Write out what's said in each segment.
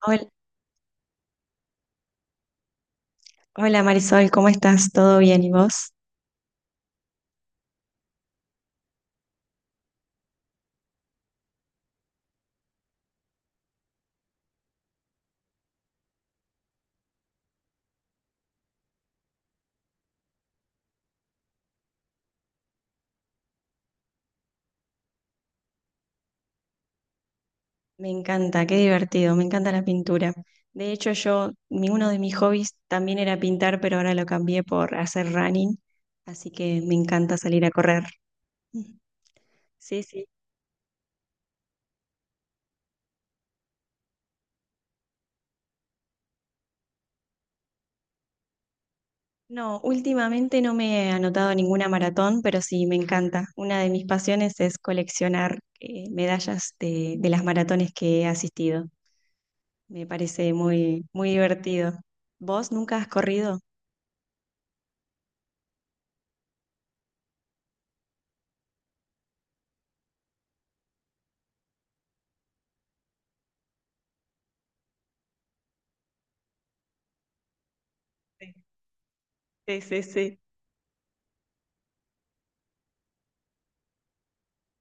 Hola, hola, Marisol, ¿cómo estás? ¿Todo bien? ¿Y vos? Me encanta, qué divertido, me encanta la pintura. De hecho, yo, uno de mis hobbies también era pintar, pero ahora lo cambié por hacer running, así que me encanta salir a correr. Sí, sí. No, últimamente no me he anotado a ninguna maratón, pero sí, me encanta. Una de mis pasiones es coleccionar medallas de las maratones que he asistido. Me parece muy, muy divertido. ¿Vos nunca has corrido? Sí, sí, sí, sí.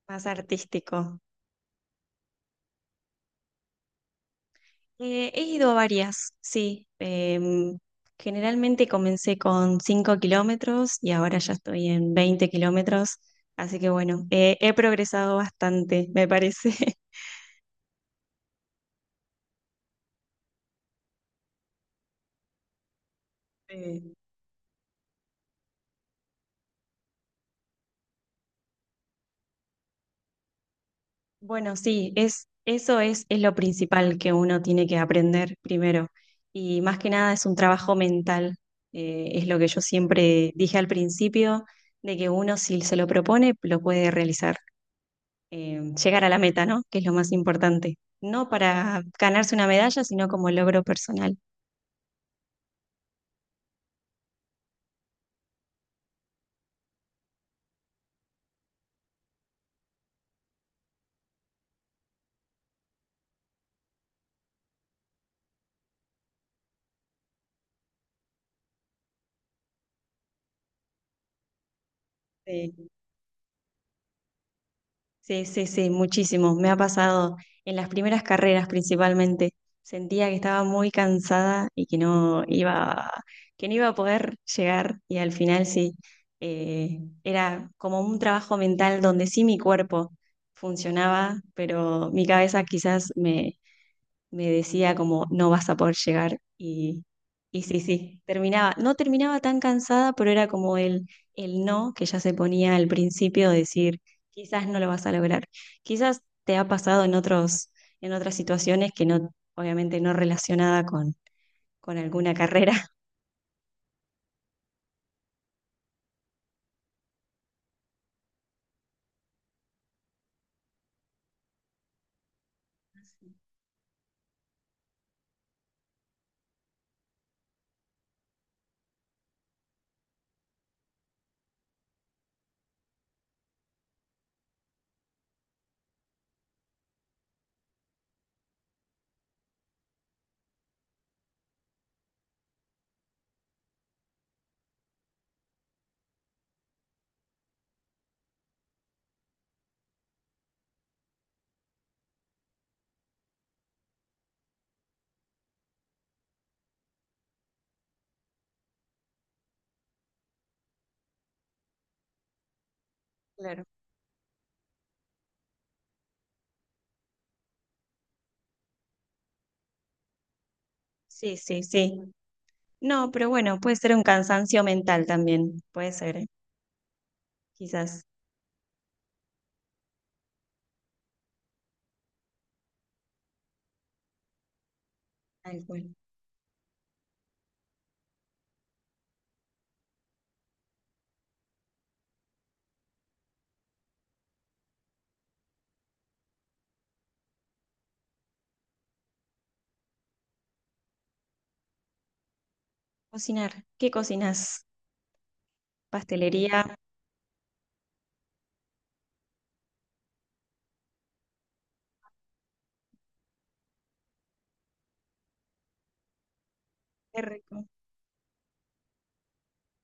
Más artístico. He ido a varias, sí. Generalmente comencé con 5 km y ahora ya estoy en 20 km. Así que bueno, he progresado bastante, me parece. Eh, bueno, sí, eso es lo principal que uno tiene que aprender primero. Y más que nada es un trabajo mental. Es lo que yo siempre dije al principio, de que uno si se lo propone, lo puede realizar. Llegar a la meta, ¿no? Que es lo más importante. No para ganarse una medalla, sino como logro personal. Sí, sí, sí, sí, muchísimo. Me ha pasado en las primeras carreras principalmente. Sentía que estaba muy cansada y que que no iba a poder llegar. Y al final sí, era como un trabajo mental donde sí mi cuerpo funcionaba, pero mi cabeza quizás me decía como no vas a poder llegar y sí, sí, no terminaba tan cansada, pero era como el no que ya se ponía al principio, de decir quizás no lo vas a lograr, quizás te ha pasado en otros, en otras situaciones que no, obviamente no relacionada con alguna carrera. Claro. Sí, sí, sí. No, pero bueno, puede ser un cansancio mental también, puede ser, ¿eh? Quizás. Tal cual. Cocinar, ¿qué cocinas? Pastelería, qué rico.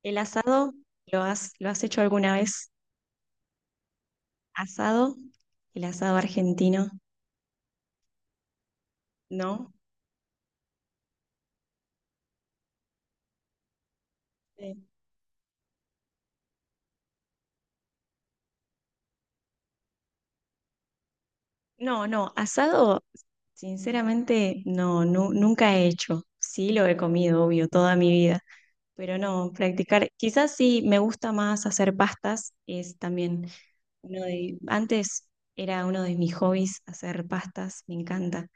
¿El asado lo has hecho alguna vez? ¿Asado? El asado argentino, ¿no? Sí. No, no, asado, sinceramente, no, nunca he hecho. Sí lo he comido, obvio, toda mi vida, pero no, practicar. Quizás sí me gusta más hacer pastas, es también antes era uno de mis hobbies hacer pastas, me encanta.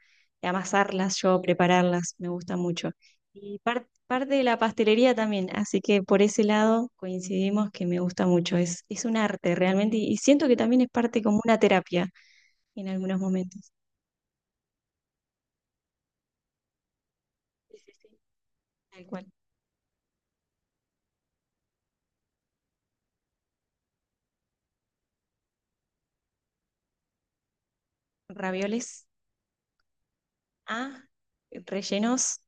Amasarlas, yo prepararlas, me gusta mucho. Y parte de la pastelería también, así que por ese lado coincidimos que me gusta mucho. Es un arte realmente y siento que también es parte como una terapia en algunos momentos. Sí, sí, sí. Tal cual. Ravioles, ah, rellenos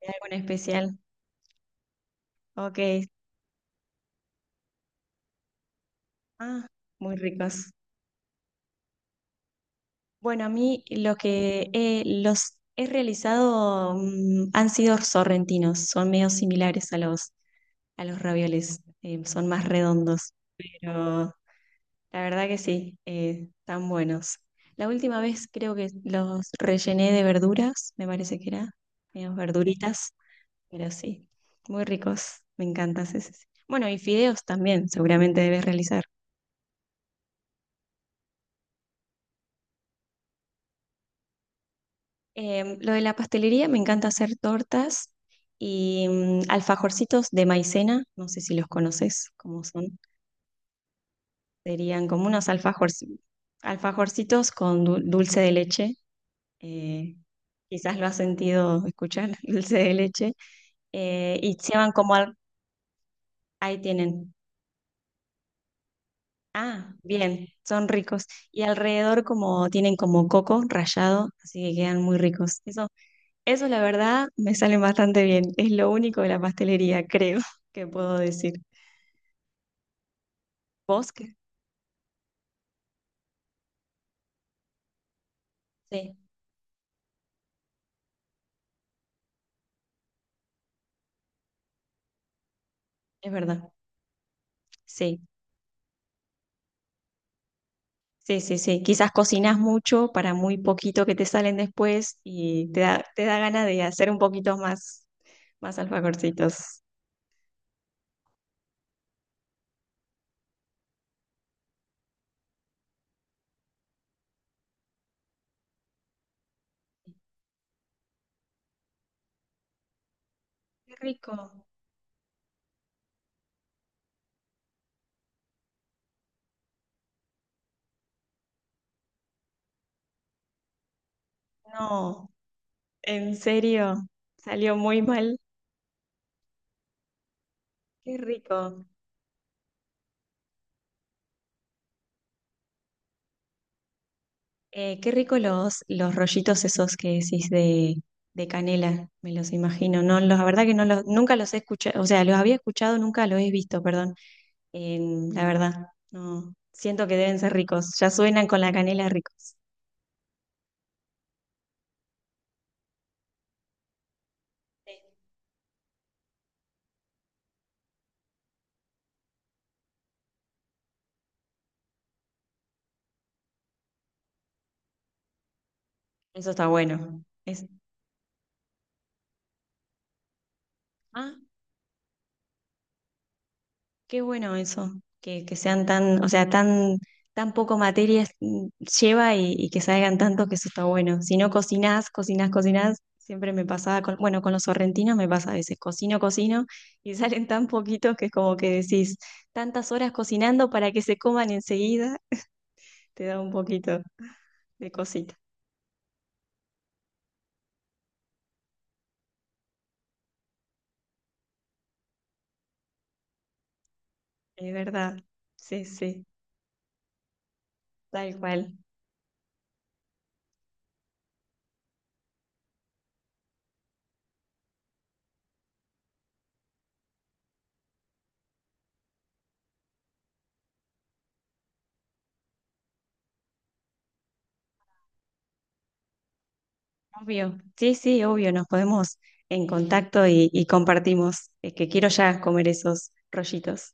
de algo en especial. Ok, ah, muy ricos. Bueno, a mí lo que los he realizado han sido sorrentinos, son medio similares a los ravioles, son más redondos, pero la verdad que sí, están buenos. La última vez creo que los rellené de verduras, me parece que era, menos verduritas, pero sí, muy ricos, me encantan, sí, sí, sí. Bueno, y fideos también, seguramente debes realizar. Lo de la pastelería, me encanta hacer tortas y alfajorcitos de maicena, no sé si los conoces, cómo son. Serían como unos alfajorcitos con dulce de leche. eh, Quizás lo has sentido escuchar, dulce de leche. Y se van ahí tienen. Ah, bien, son ricos. Y alrededor como tienen como coco rallado, así que quedan muy ricos. Eso la verdad me salen bastante bien. Es lo único de la pastelería, creo, que puedo decir. ¿Vos qué? Sí, es verdad. Sí, sí, sí, sí. Quizás cocinas mucho para muy poquito que te salen después y te da ganas de hacer un poquito más, más alfajorcitos. Qué rico. No, en serio, salió muy mal. Qué rico. Qué rico los rollitos esos que decís de canela, me los imagino. No, la verdad que nunca los he escuchado, o sea, los había escuchado, nunca los he visto, perdón. La verdad, no. Siento que deben ser ricos. Ya suenan con la canela ricos. Sí. Eso está bueno. Es, ah, qué bueno eso, que sean tan, o sea, tan, tan poco materias lleva y que salgan tantos que eso está bueno. Si no cocinás, cocinás, cocinás, siempre me pasaba con, bueno, con los sorrentinos me pasa a veces, cocino, cocino y salen tan poquitos que es como que decís, tantas horas cocinando para que se coman enseguida, te da un poquito de cosita. Es verdad, sí, sí, tal cual. Obvio, sí, sí, obvio, nos podemos en contacto y compartimos, es que quiero ya comer esos rollitos.